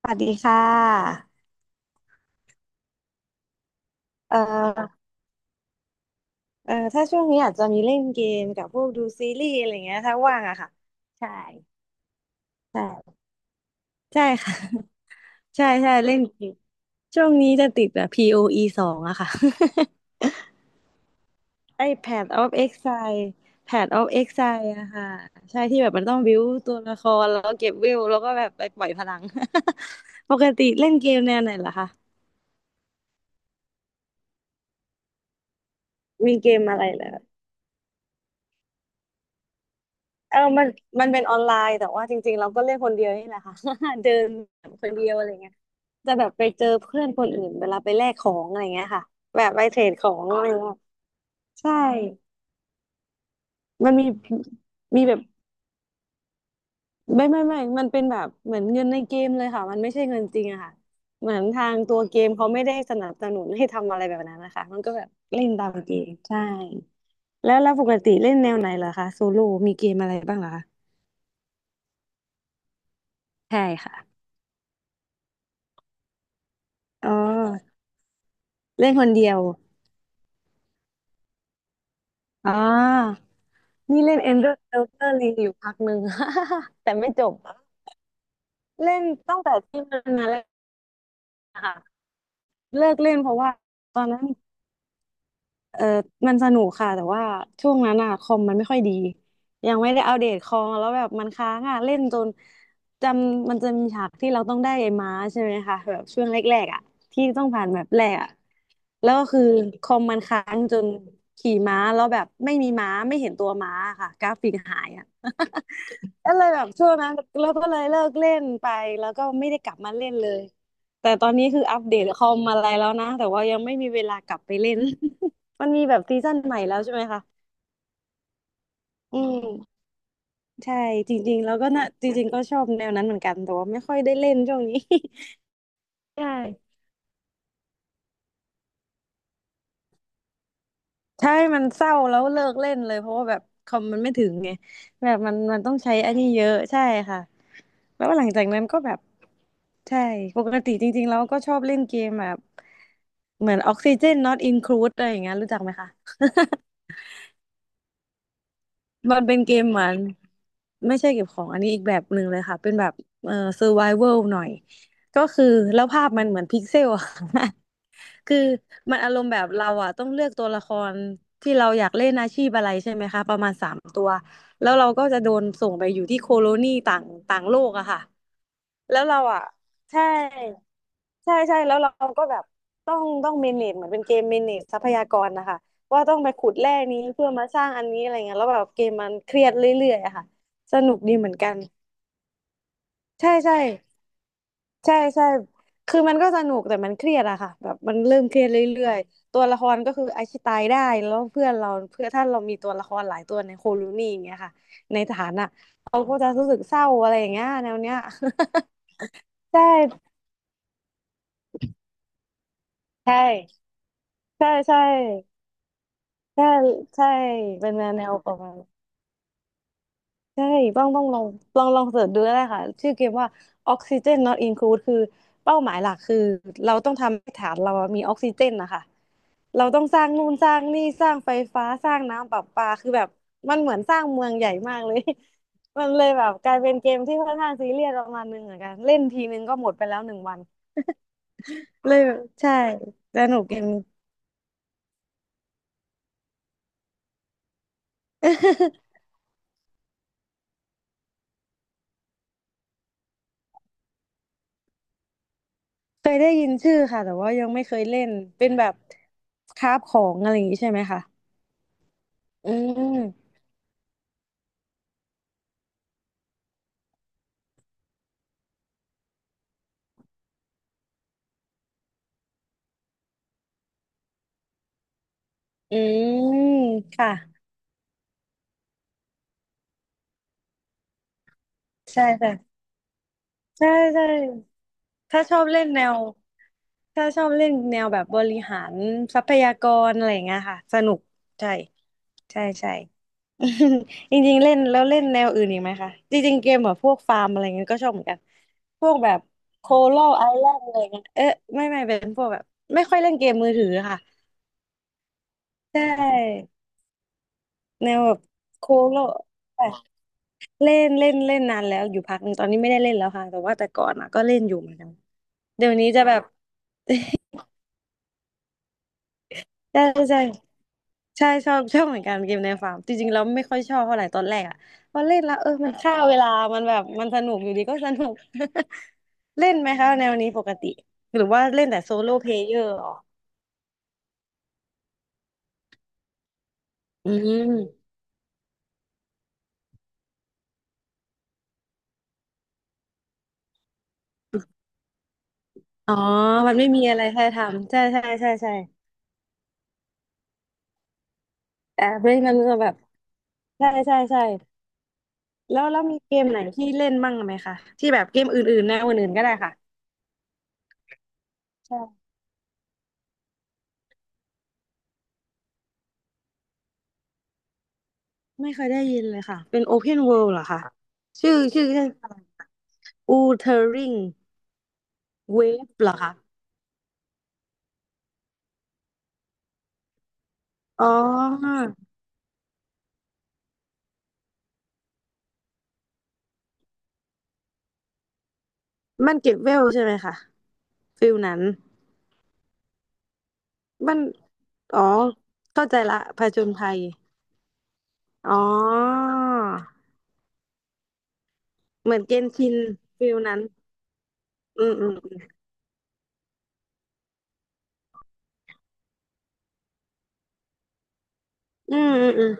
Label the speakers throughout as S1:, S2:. S1: สวัสดีค่ะเอ่อถ้าช่วงนี้อาจจะมีเล่นเกมกับพวกดูซีรีส์อะไรเงี้ยถ้าว่างอะค่ะ ใช่ ใช่ ใช่ค่ะ ใช่ใช่ เล่นเกมช่วงนี้จะติดแบบ POE 2อะค่ะ ไอ้ Path of Exile Path of Exile อะค่ะใช่ที่แบบมันต้องบิวตัวละครแล้วก็เก็บเวลแล้วก็แบบไปปล่อยพลัง ปกติเล่นเกมแนวไหนเหรอคะมีเกมอะไรเหรอ เออมันเป็นออนไลน์แต่ว่าจริงๆเราก็เล่นคนเดียวนี่แหละค่ะ เดินแบบคนเดียวอะไรเงี้ยจะแบบไปเจอเพื่อนคนอื่นเวลาไปแลกของอะไรเงี้ยค่ะแบบไปเทรดของอะไรเงี้ยใช่มันมีมีแบบไม่มันเป็นแบบเหมือนเงินในเกมเลยค่ะมันไม่ใช่เงินจริงอะค่ะเหมือนทางตัวเกมเขาไม่ได้สนับสนุนให้ทำอะไรแบบนั้นนะคะมันก็แบบเล่นตามเกมใช่แล้วปกติเล่นแนวไหนเหรอคะโซโล่มีเกมอะไรบ้างเหรอคะใช่ค่ะอ๋อเล่นคนเดียว อ่านี่เล่น Elder Ring อยู่พักหนึ่ง แต่ไม่จบเล่นตั้งแต่ที่มันมาเล่นอะค่ะเลิกเล่นเพราะว่าตอนนั้นเออมันสนุกค่ะแต่ว่าช่วงนั้นอะคอมมันไม่ค่อยดียังไม่ได้อัปเดตคอมแล้วแบบมันค้างอะเล่นจนจำมันจะมีฉากที่เราต้องได้ไอ้ม้าใช่ไหมคะแบบช่วงแรกๆอะที่ต้องผ่านแบบแรกอะแล้วก็คือคอมมันค้างจนขี่ม้าแล้วแบบไม่มีม้าไม่เห็นตัวม้าค่ะกราฟิกหายอะ ก็เลยแบบช่วงนั้นแล้วก็เลยเลิกเล่นไปแล้วก็ไม่ได้กลับมาเล่นเลยแต่ตอนนี้คืออัปเดตคอมอะไรแล้วนะแต่ว่ายังไม่มีเวลากลับไปเล่น มันมีแบบซีซั่นใหม่แล้วใช่ไหมคะอืมใช่จริงๆแล้วก็น่ะจริงๆก็ชอบแนวนั้นเหมือนกันแต่ว่าไม่ค่อยได้เล่นช่วงนี้ ใช่ ใช่ มันเศร้าแล้วเลิกเล่นเลยเพราะว่าแบบคอมมันไม่ถึงไงแบบมันต้องใช้อันนี้เยอะใช่ค่ะแล้วหลังจากนั้นก็แบบใช่ปกติจริงๆแล้วก็ชอบเล่นเกมแบบเหมือนออกซิเจน not include อะไรอย่างเงี้ยรู้จักไหมคะ มันเป็นเกมเหมือนไม่ใช่เก็บของอันนี้อีกแบบหนึ่งเลยค่ะเป็นแบบเอ่อ survival หน่อยก็คือแล้วภาพมันเหมือนพิกเซลอะ ค่ะ คือมันอารมณ์แบบเราอะต้องเลือกตัวละครที่เราอยากเล่นอาชีพอะไรใช่ไหมคะประมาณ3 ตัวแล้วเราก็จะโดนส่งไปอยู่ที่โคโลนีต่างต่างโลกอะค่ะแล้วเราอะใช่ใช่ใช่แล้วเราก็แบบต้องเมเนจเหมือนเป็นเกมเมเนจทรัพยากรนะคะ ว่าต้องไปขุดแร่นี้เพื่อมาสร้างอันนี้อะไรเงี้ยแล้วแบบเกมมันเครียดเรื่อยๆอะค่ะสนุกดีเหมือนกันใช่ใช่ใช่ใช่คือมันก็สนุกแต่มันเครียดอะค่ะแบบมันเริ่มเครียดเรื่อยๆตัวละครก็คือไอชิตายได้แล้วเพื่อนเราเพื่อถ้าเรามีตัวละครหลายตัวในโคโลนีอย่างเงี้ยค่ะในฐานอะเขาก็จะรู้สึกเศร้าอะไรอย่างเงี้ยแนวเนี้ย ใช่ใช่ใช่ใช่ใช่ใช่เป็นแนวแนวประมาณ ใช่ต้องลอง ลองเสิร์ชดูก็ได้ค่ะ ชื่อเกมว่า Oxygen Not Include คือเป้าหมายหลักคือเราต้องทำให้ฐานเรามีออกซิเจนนะคะ เราต้องสร้างนู่นสร้างนี่สร้างไฟฟ้าสร้างน้ำประปาคือแบบมันเหมือนสร้างเมืองใหญ่มากเลย มันเลยแบบกลายเป็นเกมที่ค่อนข้างซีเรียสประมาณนึงเหมือนกัน เล่นทีนึงก็หมดไปแล้ว1 วันเลยแบบใช่สนุกเกม นี้ เคยได้ยินชื่อค่ะแต่ว่ายังไม่เคยเล่นเป็นแบบคราฟของอะไรอย่างนี้ใช่ไหมคะอืม อืมค่ะใช่ค่ะใช่ใช่ถ้าชอบเล่นแนวถ้าชอบเล่นแนวแบบบริหารทรัพยากรอะไรอย่างเงี้ยค่ะสนุกใช่ใช่ใช่ จริงๆเล่นแล้วเล่นแนวอื่นอีกไหมคะจริงๆเกมแบบพวกฟาร์มอะไรเงี้ยก็ชอบเหมือนกันพวกแบบโคโลไอแลนด์อะไรเงี้ยเอ๊ะไม่เป็นพวกแบบไม่ค่อยเล่นเกมมือถือค่ะใช่ แนวแบบโค้กแล้วแบบเล่นเล่นเล่นนานแล้วอยู่พักหนึ่งตอนนี้ไม่ได้เล่นแล้วค่ะแต่ว่าแต่ก่อนอ่ะก็เล่นอยู่เหมือนกันเดี๋ยวนี้จะแบบใช่ใช่ใช่ชอบเหมือนกันเกมในฟาร์มจริงๆเราไม่ค่อยชอบเท่าไหร่ตอนแรกอ่ะพอเล่นแล้วเออมันฆ่าเวลามันแบบมันสนุกอยู่ดีก็สนุก เล่นไหมคะแนวนี้ปกติหรือว่าเล่นแต่โซโล่เพลเยอร์หรออืมอ๋อมันไม่มีอะไรให้ทำใช่ใช่ใช่ใช่แต่เล่นมันก็แบบใช่ใช่ใช่ แล้วมีเกมไหนที่เล่นบ้างไหมคะที่แบบเกมอื่นๆแนวอื่นๆก็ได้ค่ะใช่ไม่เคยได้ยินเลยค่ะเป็น Open World เหรอคะชื่อเล่นอะไรคะ Wuthering Waves เหรอคะอ๋อมันเก็บเวลใช่ไหมคะฟิลนั้นมันอ๋อเข้าใจละผจญภัยอ๋อเหมือนเกนชินฟิลนั้นอืมอืมอืมอืมอืม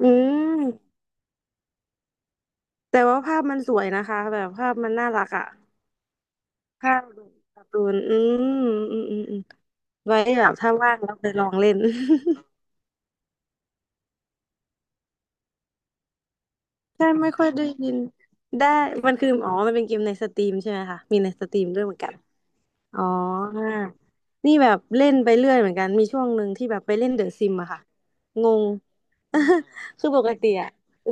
S1: อืมแต่ว่าภาพมันสวยนะคะแบบภาพมันน่ารักอ่ะ ข้าวดูการ์ตูนอืมไว้แบบถ้าว่างแล้วไปลองเล่น ใช่ไม่ค่อยได้ยินได้มันคืออ๋อมันเป็นเกมในสตรีมใช่ไหมคะมีในสตรีมด้วยเหมือนกัน อ๋อ นี่แบบเล่นไปเรื่อยเหมือนกัน มีช่วงหนึ่งที่แบบไปเล่นเดอะซิมอะค่ะ งง คือปกติอะ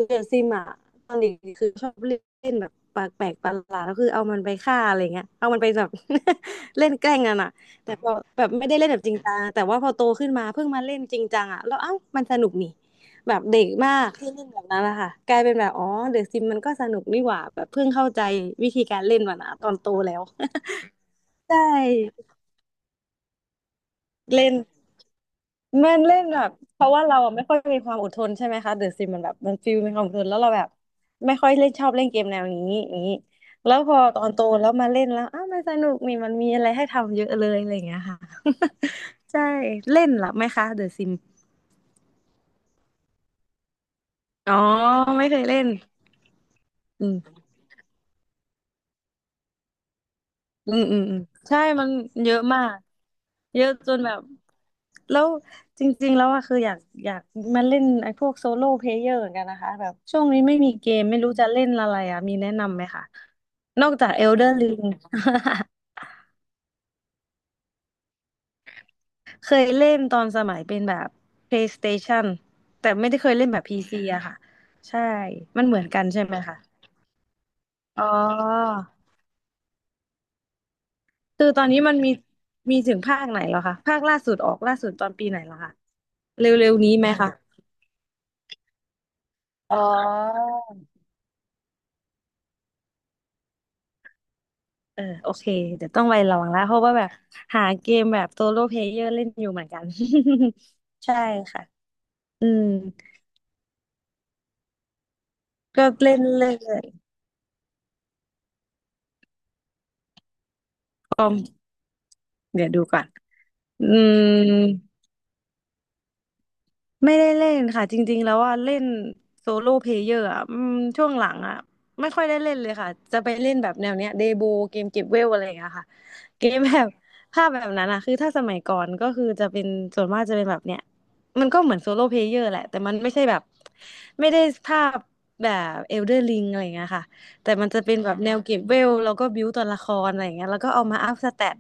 S1: เดอะซิมอะตอนเด็กๆคือชอบเล่นแบบปากแปลกประหลาดก็คือเอามันไปฆ่าอะไรเงี้ยเอามันไปแบบ เล่นแกล้งกันอะแต่พอแบบไม่ได้เล่นแบบจริงจังแต่ว่าพอโตขึ้นมาเพิ่งมาเล่นจริงจังอะแล้วเอ้ามันสนุกนี่แบบเด็กมากที่เล่นแบบนั้นอะค่ะกลายเป็นแบบอ๋อเดอะซิมมันก็สนุกนี่หว่าแบบเพิ่งเข้าใจวิธีการเล่นมันอะตอนโตแล้ว ใช่ เล่นมันเล่นแบบเพราะว่าเราอะไม่ค่อยมีความอดทนใช่ไหมคะเดอะซิมมันแบบมันฟิลมีความอดทนแล้วเราแบบไม่ค่อยเล่นชอบเล่นเกมแนวนี้อย่างนี้แล้วพอตอนโตแล้วมาเล่นแล้วอ้าวมันสนุกนี่มันมีอะไรให้ทำเยอะเลยอะไรอย่างเงี้ยค่ะ ใช่เล่นเหรอไหมคะเดอะซิมอ๋อไม่เคยเล่นอืม อืมใช่มันเยอะมากเยอะจนแบบแล้วจริงๆแล้วอะคืออยากมาเล่นไอ้พวกโซโล่เพลเยอร์เหมือนกันนะคะแบบช่วงนี้ไม่มีเกมไม่รู้จะเล่นอะไรอะมีแนะนำไหมคะนอกจาก Elder Ring เคยเล่นตอนสมัยเป็นแบบ PlayStation แต่ไม่ได้เคยเล่นแบบ PC อะค่ะใช่มันเหมือนกันใช่ไหมคะอ๋อคือตอนนี้มันมีถึงภาคไหนแล้วคะภาคล่าสุดออกล่าสุดตอนปีไหนแล้วคะเร็วๆนี้ไหมคะ อ๋อเออโอเคเดี๋ยวต้องไประวังแล้วเพราะว่าแบบหาเกมแบบโซโล่เพลเยอร์เล่นอยู่เหมือนกัน ใช่ค่ะอืมก็เล่นเรื่อยๆเดี๋ยวดูก่อนอืม ไม่ได้เล่นค่ะจริงๆแล้วว่าเล่นโซโล่เพลเยอร์อ่ะอืมช่วงหลังอ่ะไม่ค่อยได้เล่นเลยค่ะจะไปเล่นแบบแนวเนี้ยเดโบเกมเก็บเวลอะไรอย่างเงี้ยค่ะเกมแบบภาพแบบนั้นอ่ะคือถ้าสมัยก่อนก็คือจะเป็นส่วนมากจะเป็นแบบเนี้ยมันก็เหมือนโซโล่เพลเยอร์แหละแต่มันไม่ใช่แบบไม่ได้ภาพแบบเอลเดอร์ลิงอะไรอย่างเงี้ยค่ะแต่มันจะเป็นแบบแนวเก็บเวลแล้วก็บิวตัวละครอะไรอย่างเงี้ยแล้วก็เอามาอัพสแตท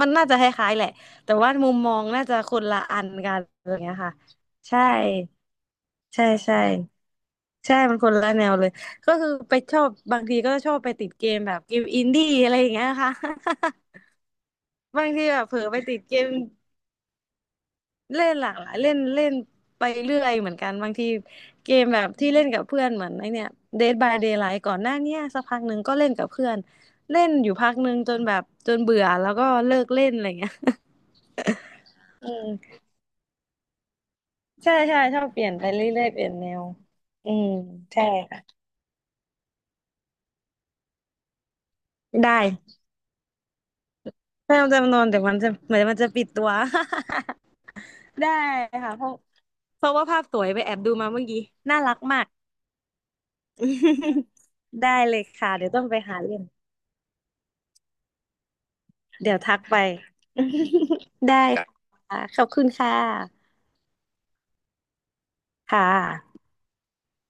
S1: มันน่าจะคล้ายๆแหละแต่ว่ามุมมองน่าจะคนละอันกันอะไรอย่างเงี้ยค่ะ ใช่ใช่ใช่ใช่มันคนละแนวเลยก็คือไปชอบบางทีก็ชอบไปติดเกมแบบเกมอินดี้อะไรอย่างเงี้ยค่ะ บางทีแบบเผลอไปติดเกมเล่นหลากหลายเล่นเล่นไปเรื่อยเหมือนกันบางทีเกมแบบที่เล่นกับเพื่อนเหมือนไอเนี่ย Dead by Daylight ก่อนหน้าเนี้ยสักพักหนึ่งก็เล่นกับเพื่อนเล่นอยู่พักหนึ่งจนแบบจนเบื่อแล้วก็เลิกเล่นอะไรเงี้ย อืมใช่ใช่ชอบเปลี่ยนไปเรื่อยๆเปลี่ยนแนวอืมใช่ค่ะได้ แม่จำนวนเดี๋ยวมันจะเหมือนมันจะปิดตัว ได้ค่ะเพราะว่าภาพสวยไปแอบดูมาเมื่อกี้น่ารักมาก ได้เลยค่ะเดี๋ยวต้องไปหาเล่นเดี๋ยวทักไป ได้ค่ะขอบคุณค่ะค่ะ